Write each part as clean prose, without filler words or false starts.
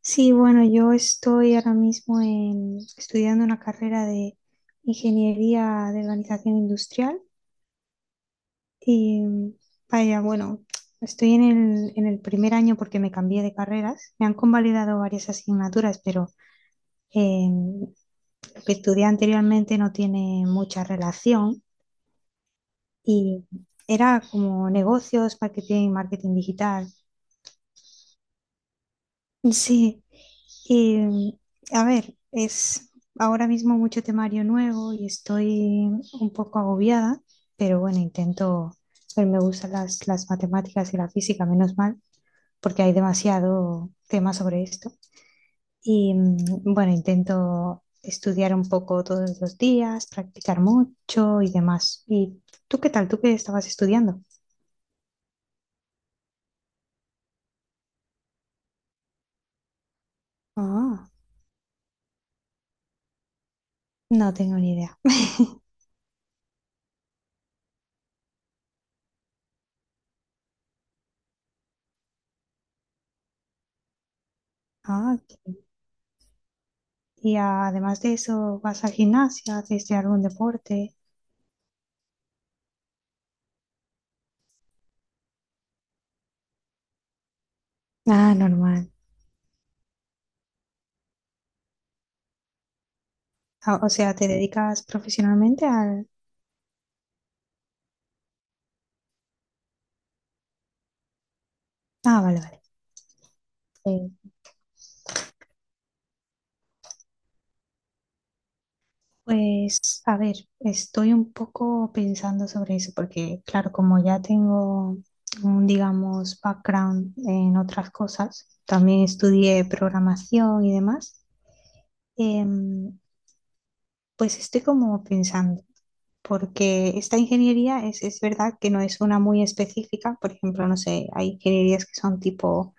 Sí, bueno, yo estoy ahora mismo estudiando una carrera de ingeniería de organización industrial y vaya, bueno, estoy en el primer año porque me cambié de carreras. Me han convalidado varias asignaturas, pero eh, lo que estudié anteriormente no tiene mucha relación y era como negocios, marketing, marketing digital. Sí, y a ver, es ahora mismo mucho temario nuevo y estoy un poco agobiada, pero bueno, intento, pero me gustan las matemáticas y la física, menos mal, porque hay demasiado tema sobre esto. Y bueno, intento estudiar un poco todos los días, practicar mucho y demás. ¿Y tú qué tal? ¿Tú qué estabas estudiando? Ah, no tengo ni idea. Ah. Y además de eso, ¿vas al gimnasio? ¿Haces de algún deporte? Ah, normal. Ah, o sea, ¿te dedicas profesionalmente al...? Ah, vale, vale. Sí. Pues, a ver, estoy un poco pensando sobre eso porque, claro, como ya tengo un, digamos, background en otras cosas, también estudié programación y demás, em, pues estoy como pensando. Porque esta ingeniería es verdad que no es una muy específica, por ejemplo, no sé, hay ingenierías que son tipo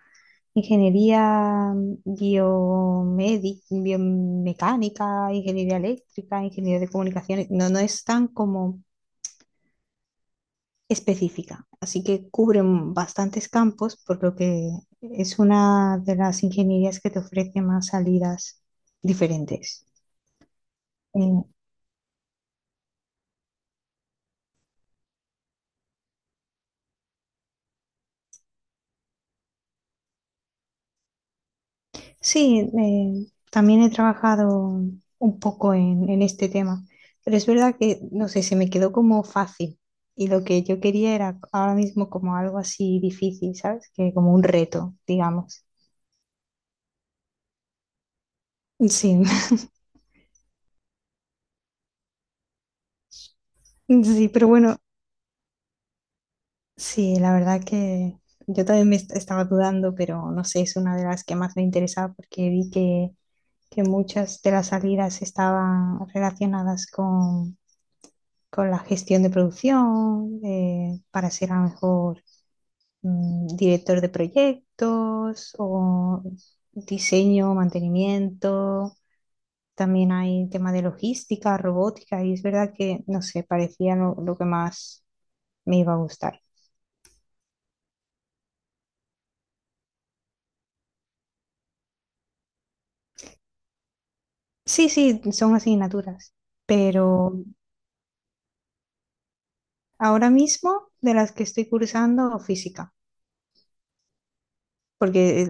ingeniería biomédica, biomecánica, ingeniería eléctrica, ingeniería de comunicaciones, no, no es tan como específica, así que cubren bastantes campos, por lo que es una de las ingenierías que te ofrece más salidas diferentes. Eh, Sí, también he trabajado un poco en este tema, pero es verdad que, no sé, se me quedó como fácil y lo que yo quería era ahora mismo como algo así difícil, ¿sabes? Que como un reto, digamos. Sí, sí, pero bueno, sí, la verdad que yo también me estaba dudando, pero no sé, es una de las que más me interesaba porque vi que muchas de las salidas estaban relacionadas con la gestión de producción, para ser a lo mejor director de proyectos o diseño, mantenimiento. También hay tema de logística, robótica, y es verdad que, no sé, parecía lo que más me iba a gustar. Sí, sí, son asignaturas, pero ahora mismo de las que estoy cursando, física, porque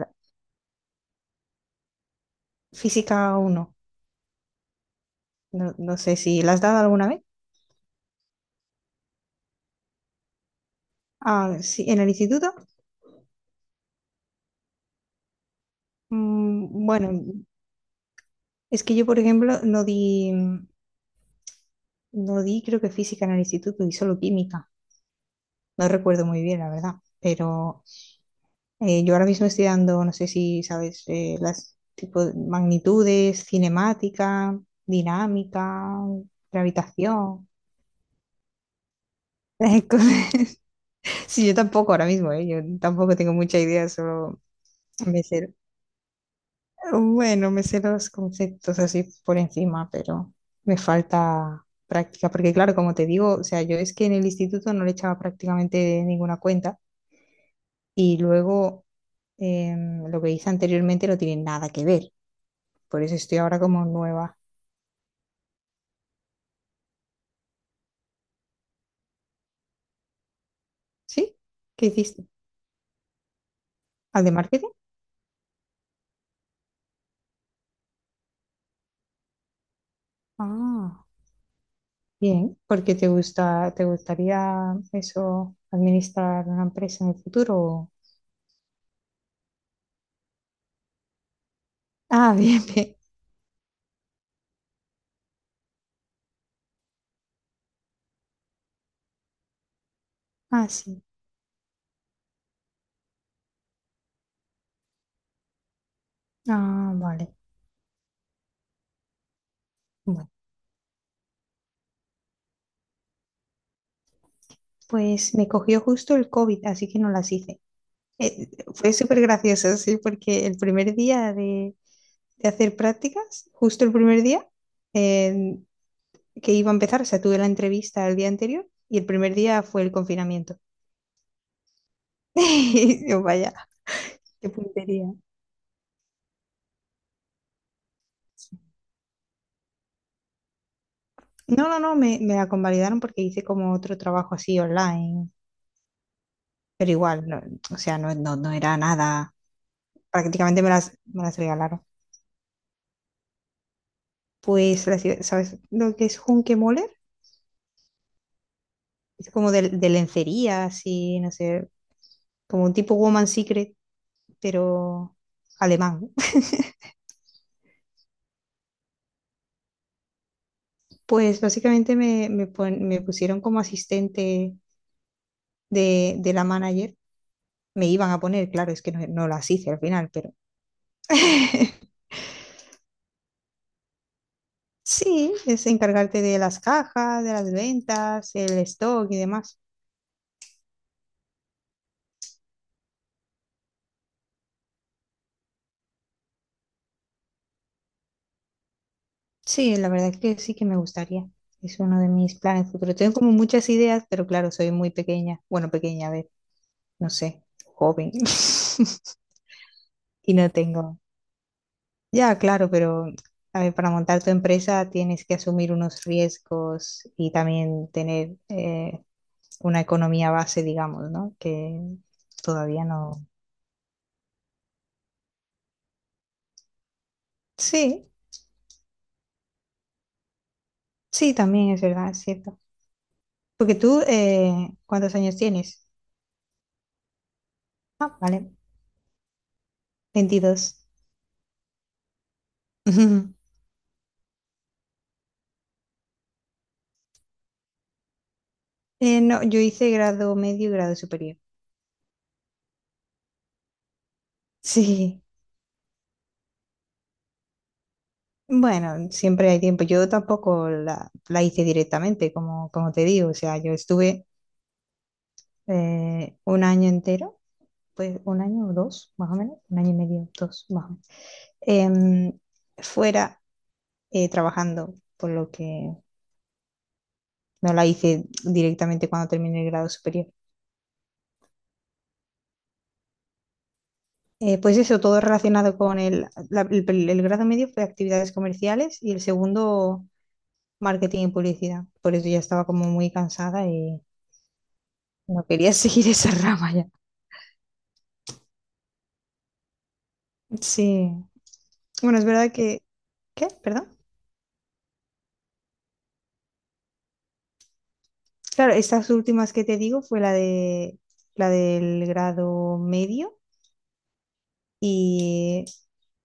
física uno no sé si la has dado alguna vez. Ah, sí, en el instituto. Bueno, es que yo, por ejemplo, no di, creo que física en el instituto, di solo química. No recuerdo muy bien, la verdad. Pero yo ahora mismo estoy dando, no sé si sabes, las tipo de magnitudes, cinemática, dinámica, gravitación. Esas cosas. Sí, yo tampoco ahora mismo, yo tampoco tengo mucha idea, solo me sé Bueno, me sé los conceptos así por encima, pero me falta práctica, porque claro, como te digo, o sea, yo es que en el instituto no le echaba prácticamente ninguna cuenta y luego lo que hice anteriormente no tiene nada que ver, por eso estoy ahora como nueva. ¿Sí? ¿Qué hiciste? ¿Al de marketing? Ah, bien, porque te gusta, te gustaría eso, administrar una empresa en el futuro. Ah, bien, bien. Ah, sí. Ah, vale. Bueno. Pues me cogió justo el COVID, así que no las hice. Eh, fue súper gracioso, sí, porque el primer día de hacer prácticas, justo el primer día eh, que iba a empezar, o sea, tuve la entrevista el día anterior y el primer día fue el confinamiento. Y yo, vaya, qué puntería. No, no, no, me la convalidaron porque hice como otro trabajo así online, pero igual, o sea, no, no, no era nada, prácticamente me las regalaron. Pues, ¿sabes lo que es Hunkemöller? Es como de lencería, así, no sé, como un tipo Woman Secret, pero alemán. Pues básicamente me pusieron como asistente de la manager. Me iban a poner, claro, es que no las hice al final, pero sí, es encargarte de las cajas, de las ventas, el stock y demás. Sí, la verdad es que sí que me gustaría. Es uno de mis planes futuros. Tengo como muchas ideas, pero claro, soy muy pequeña. Bueno, pequeña, a ver, no sé, joven. Y no tengo. Ya, claro, pero a ver, para montar tu empresa tienes que asumir unos riesgos y también tener una economía base, digamos, ¿no? Que todavía no. Sí, sí, también es verdad, es cierto. Porque tú, ¿cuántos años tienes? Ah, vale, 22. No, yo hice grado medio y grado superior. Sí, bueno, siempre hay tiempo. Yo tampoco la hice directamente, como te digo. O sea, yo estuve un año entero, pues un año o dos, más o menos, un año y medio, dos, más o menos, em, fuera trabajando, por lo que no la hice directamente cuando terminé el grado superior. Pues eso, todo relacionado con el grado medio fue actividades comerciales y el segundo marketing y publicidad. Por eso ya estaba como muy cansada y no quería seguir esa rama ya. Sí. Bueno, es verdad que... ¿Qué? ¿Perdón? Claro, estas últimas que te digo fue la del grado medio y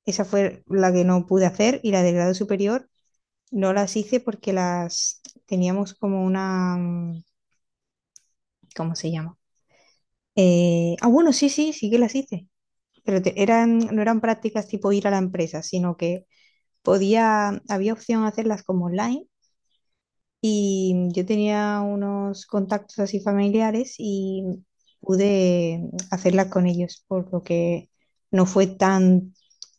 esa fue la que no pude hacer y la del grado superior no las hice porque las teníamos como una, ¿cómo se llama? Ah, bueno, sí, sí, sí que las hice, pero eran, no eran prácticas tipo ir a la empresa, sino que podía, había opción a hacerlas como online. Y yo tenía unos contactos así familiares y pude hacerla con ellos, por lo que no fue tan,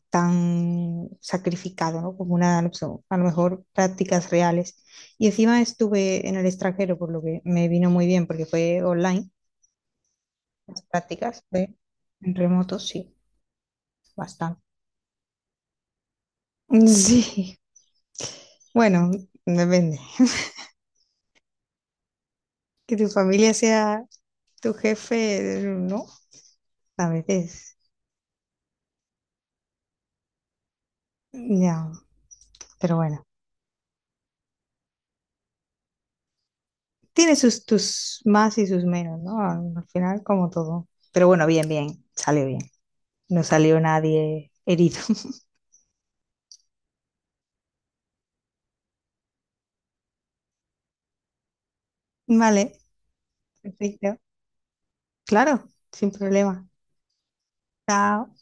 tan sacrificado, ¿no? Como una, opción, a lo mejor prácticas reales. Y encima estuve en el extranjero, por lo que me vino muy bien, porque fue online, las prácticas, fue en remoto, sí, bastante. Sí, bueno, depende. Que tu familia sea tu jefe, no, a veces. Ya, pero bueno, tiene sus tus más y sus menos, ¿no? Al final, como todo. Pero bueno, bien, bien, salió bien. No salió nadie herido. Vale, perfecto. Claro, sin problema. Chao.